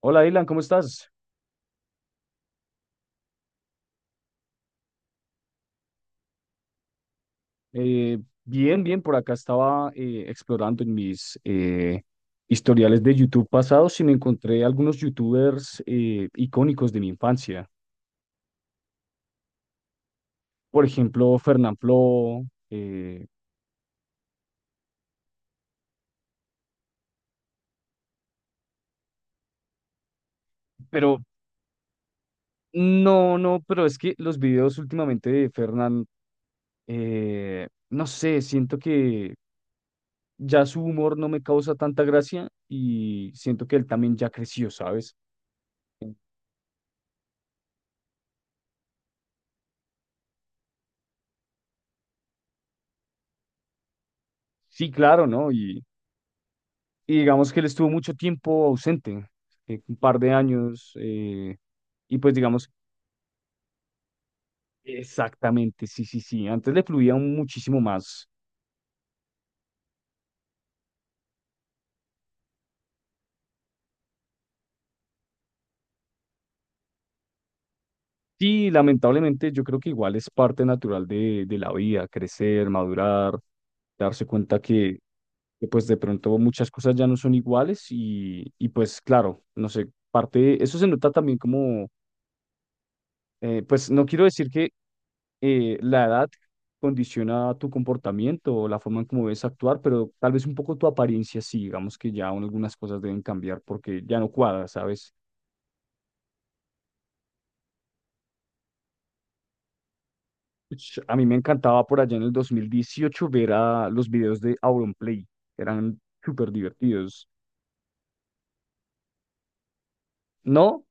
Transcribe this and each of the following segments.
Hola, Dylan, ¿cómo estás? Eh, bien, bien, por acá estaba explorando en mis historiales de YouTube pasados y me encontré algunos YouTubers icónicos de mi infancia. Por ejemplo, Fernanfloo, eh, pero no, no, pero es que los videos últimamente de Fernan, no sé, siento que ya su humor no me causa tanta gracia y siento que él también ya creció, ¿sabes? Sí, claro, ¿no? Y digamos que él estuvo mucho tiempo ausente, un par de años, y pues digamos, exactamente, sí, sí, sí, antes le fluía muchísimo más. Sí, lamentablemente yo creo que igual es parte natural de la vida, crecer, madurar, darse cuenta que, pues de pronto muchas cosas ya no son iguales y pues claro, no sé, parte, eso se nota también como, pues no quiero decir que la edad condiciona tu comportamiento o la forma en cómo debes actuar, pero tal vez un poco tu apariencia, sí, digamos que ya aún algunas cosas deben cambiar porque ya no cuadra, ¿sabes? Ush, a mí me encantaba por allá en el 2018 ver a los videos de Auronplay, eran súper divertidos. ¿No?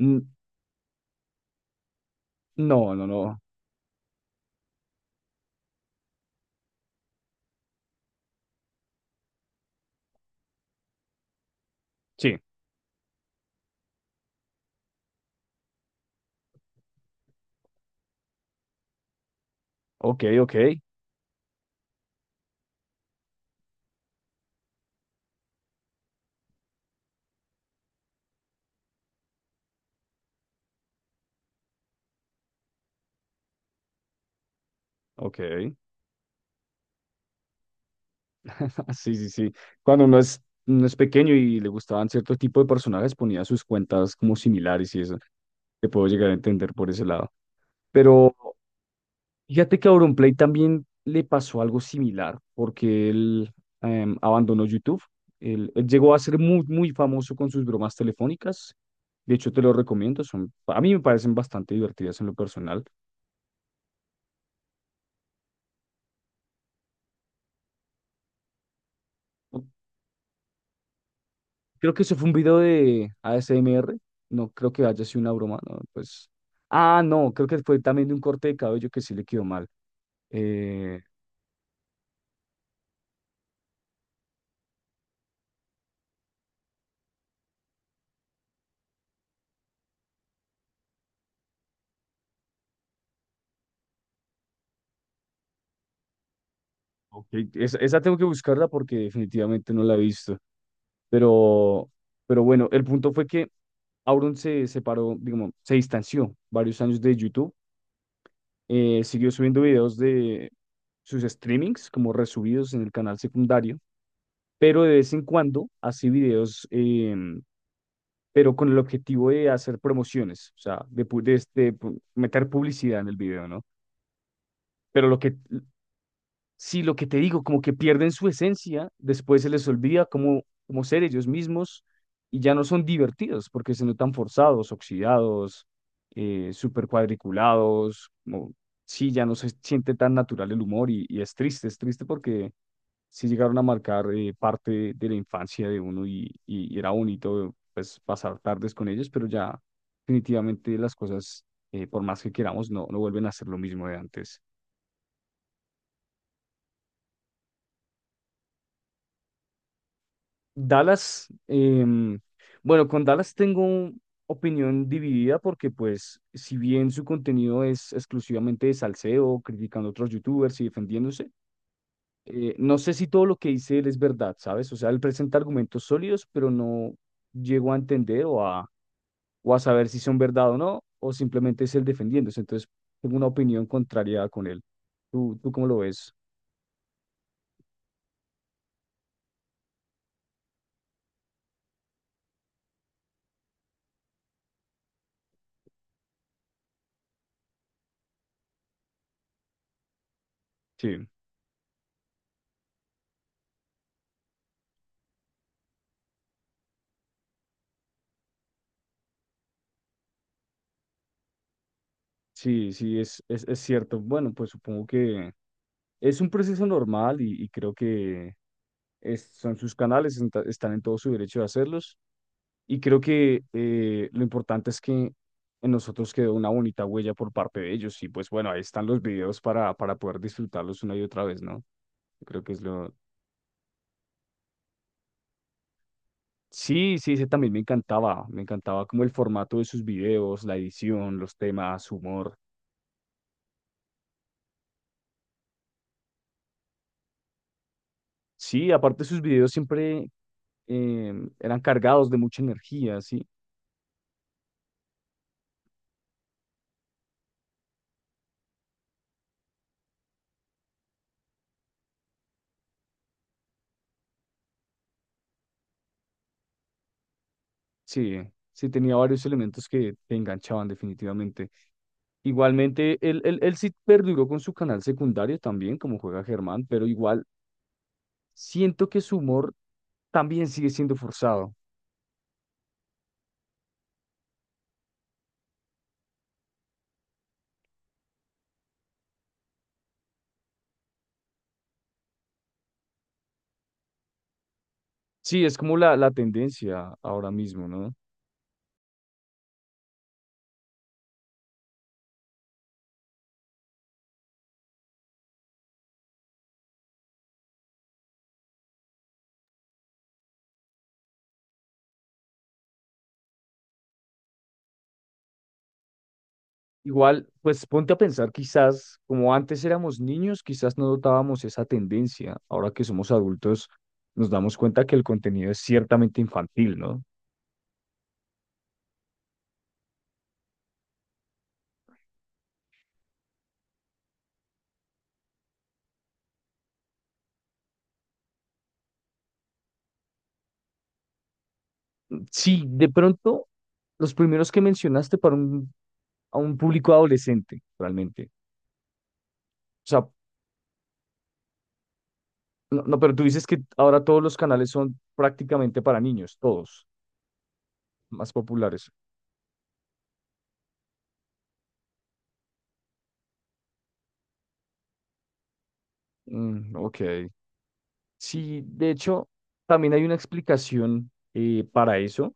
N- No, no, no. Sí, ok, ok, ok. Sí, sí, sí. Uno es pequeño y le gustaban cierto tipo de personajes, ponía sus cuentas como similares y eso. Te puedo llegar a entender por ese lado. Pero fíjate que a Auronplay también le pasó algo similar, porque él abandonó YouTube. Él llegó a ser muy, muy famoso con sus bromas telefónicas. De hecho, te lo recomiendo. Son, a mí me parecen bastante divertidas en lo personal. Creo que eso fue un video de ASMR. No creo que haya sido una broma, no, pues. Ah, no, creo que fue también de un corte de cabello que sí le quedó mal. Eh, ok, esa, esa tengo que buscarla porque definitivamente no la he visto. Pero, pero bueno, el punto fue que Auron se separó, digamos, se distanció varios años de YouTube, siguió subiendo videos de sus streamings como resubidos en el canal secundario, pero de vez en cuando hace videos, pero con el objetivo de hacer promociones, o sea, de, pu- de este, pu- meter publicidad en el video, ¿no? Pero lo que Sí, lo que te digo, como que pierden su esencia, después se les olvida cómo, cómo ser ellos mismos y ya no son divertidos porque se notan forzados, oxidados, súper cuadriculados, como, sí, ya no se siente tan natural el humor y es triste porque sí llegaron a marcar parte de la infancia de uno y era bonito pues pasar tardes con ellos, pero ya definitivamente las cosas, por más que queramos, no, no vuelven a ser lo mismo de antes. Dallas, bueno, con Dallas tengo opinión dividida porque pues si bien su contenido es exclusivamente de salseo, criticando a otros youtubers y defendiéndose, no sé si todo lo que dice él es verdad, ¿sabes? O sea, él presenta argumentos sólidos, pero no llego a entender o a saber si son verdad o no, o simplemente es él defendiéndose. Entonces, tengo una opinión contraria con él. Tú cómo lo ves? Sí, sí, sí, es cierto. Bueno, pues supongo que... Es un proceso normal y creo que son sus canales, están en todo su derecho de hacerlos. Y creo que lo importante es que en nosotros quedó una bonita huella por parte de ellos. Y pues bueno, ahí están los videos para poder disfrutarlos una y otra vez, ¿no? Yo creo que es lo... Sí, sí, ese también me encantaba. Me encantaba como el formato de sus videos, la edición, los temas, su humor. Sí, aparte sus videos siempre eran cargados de mucha energía, ¿sí? Sí, sí, tenía varios elementos que te enganchaban definitivamente. Igualmente, él sí perduró con su canal secundario también, como juega Germán, pero igual siento que su humor también sigue siendo forzado. Sí, es como la tendencia ahora mismo, ¿no? Igual, pues ponte a pensar, quizás como antes éramos niños, quizás no notábamos esa tendencia. Ahora que somos adultos, nos damos cuenta que el contenido es ciertamente infantil, ¿no? Sí, de pronto, los primeros que mencionaste para un a un público adolescente, realmente. O sea, no, no, pero tú dices que ahora todos los canales son prácticamente para niños, todos, más populares. Mm, ok. Sí, de hecho, también hay una explicación para eso,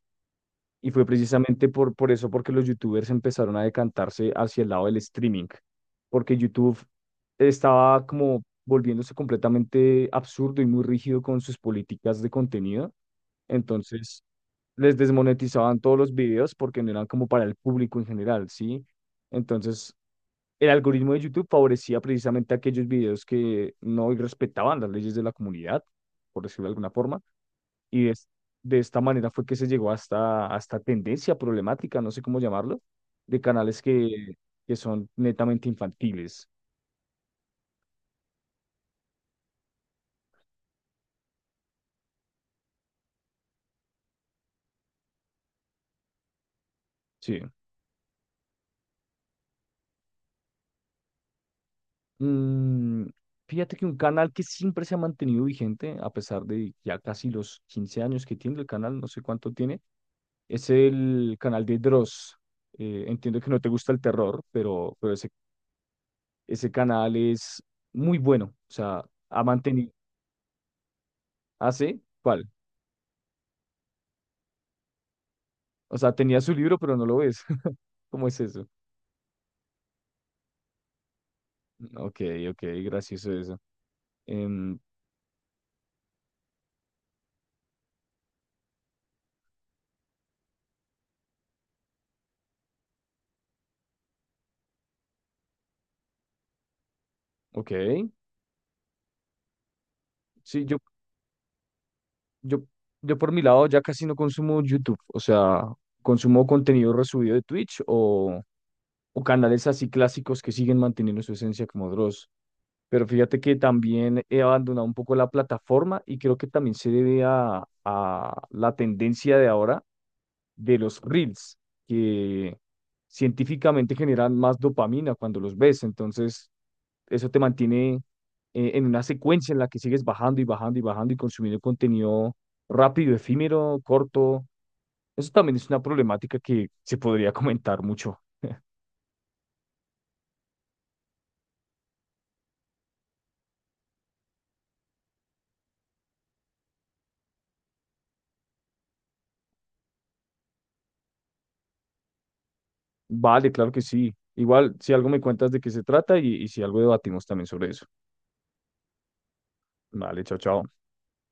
y fue precisamente por eso, porque los youtubers empezaron a decantarse hacia el lado del streaming, porque YouTube estaba como volviéndose completamente absurdo y muy rígido con sus políticas de contenido. Entonces, les desmonetizaban todos los videos porque no eran como para el público en general, ¿sí? Entonces, el algoritmo de YouTube favorecía precisamente aquellos videos que no respetaban las leyes de la comunidad, por decirlo de alguna forma, y es- de esta manera fue que se llegó hasta, hasta tendencia problemática, no sé cómo llamarlo, de canales que son netamente infantiles, sí. Mm, fíjate que un canal que siempre se ha mantenido vigente, a pesar de ya casi los 15 años que tiene el canal, no sé cuánto tiene, es el canal de Dross. Entiendo que no te gusta el terror, pero ese canal es muy bueno. O sea, ha mantenido. ¿Hace? ¿Cuál? O sea, tenía su libro, pero no lo ves. ¿Cómo es eso? Ok, ok, gracioso eso. Em, ok, sí, yo, yo por mi lado ya casi no consumo YouTube, o sea, consumo contenido resubido de Twitch o canales así clásicos que siguen manteniendo su esencia como Dross. Pero fíjate que también he abandonado un poco la plataforma y creo que también se debe a la tendencia de ahora de los reels, que científicamente generan más dopamina cuando los ves. Entonces, eso te mantiene en una secuencia en la que sigues bajando y bajando y bajando y consumiendo contenido rápido, efímero, corto. Eso también es una problemática que se podría comentar mucho. Vale, claro que sí. Igual, si algo me cuentas de qué se trata y si algo debatimos también sobre eso. Vale, chao, chao.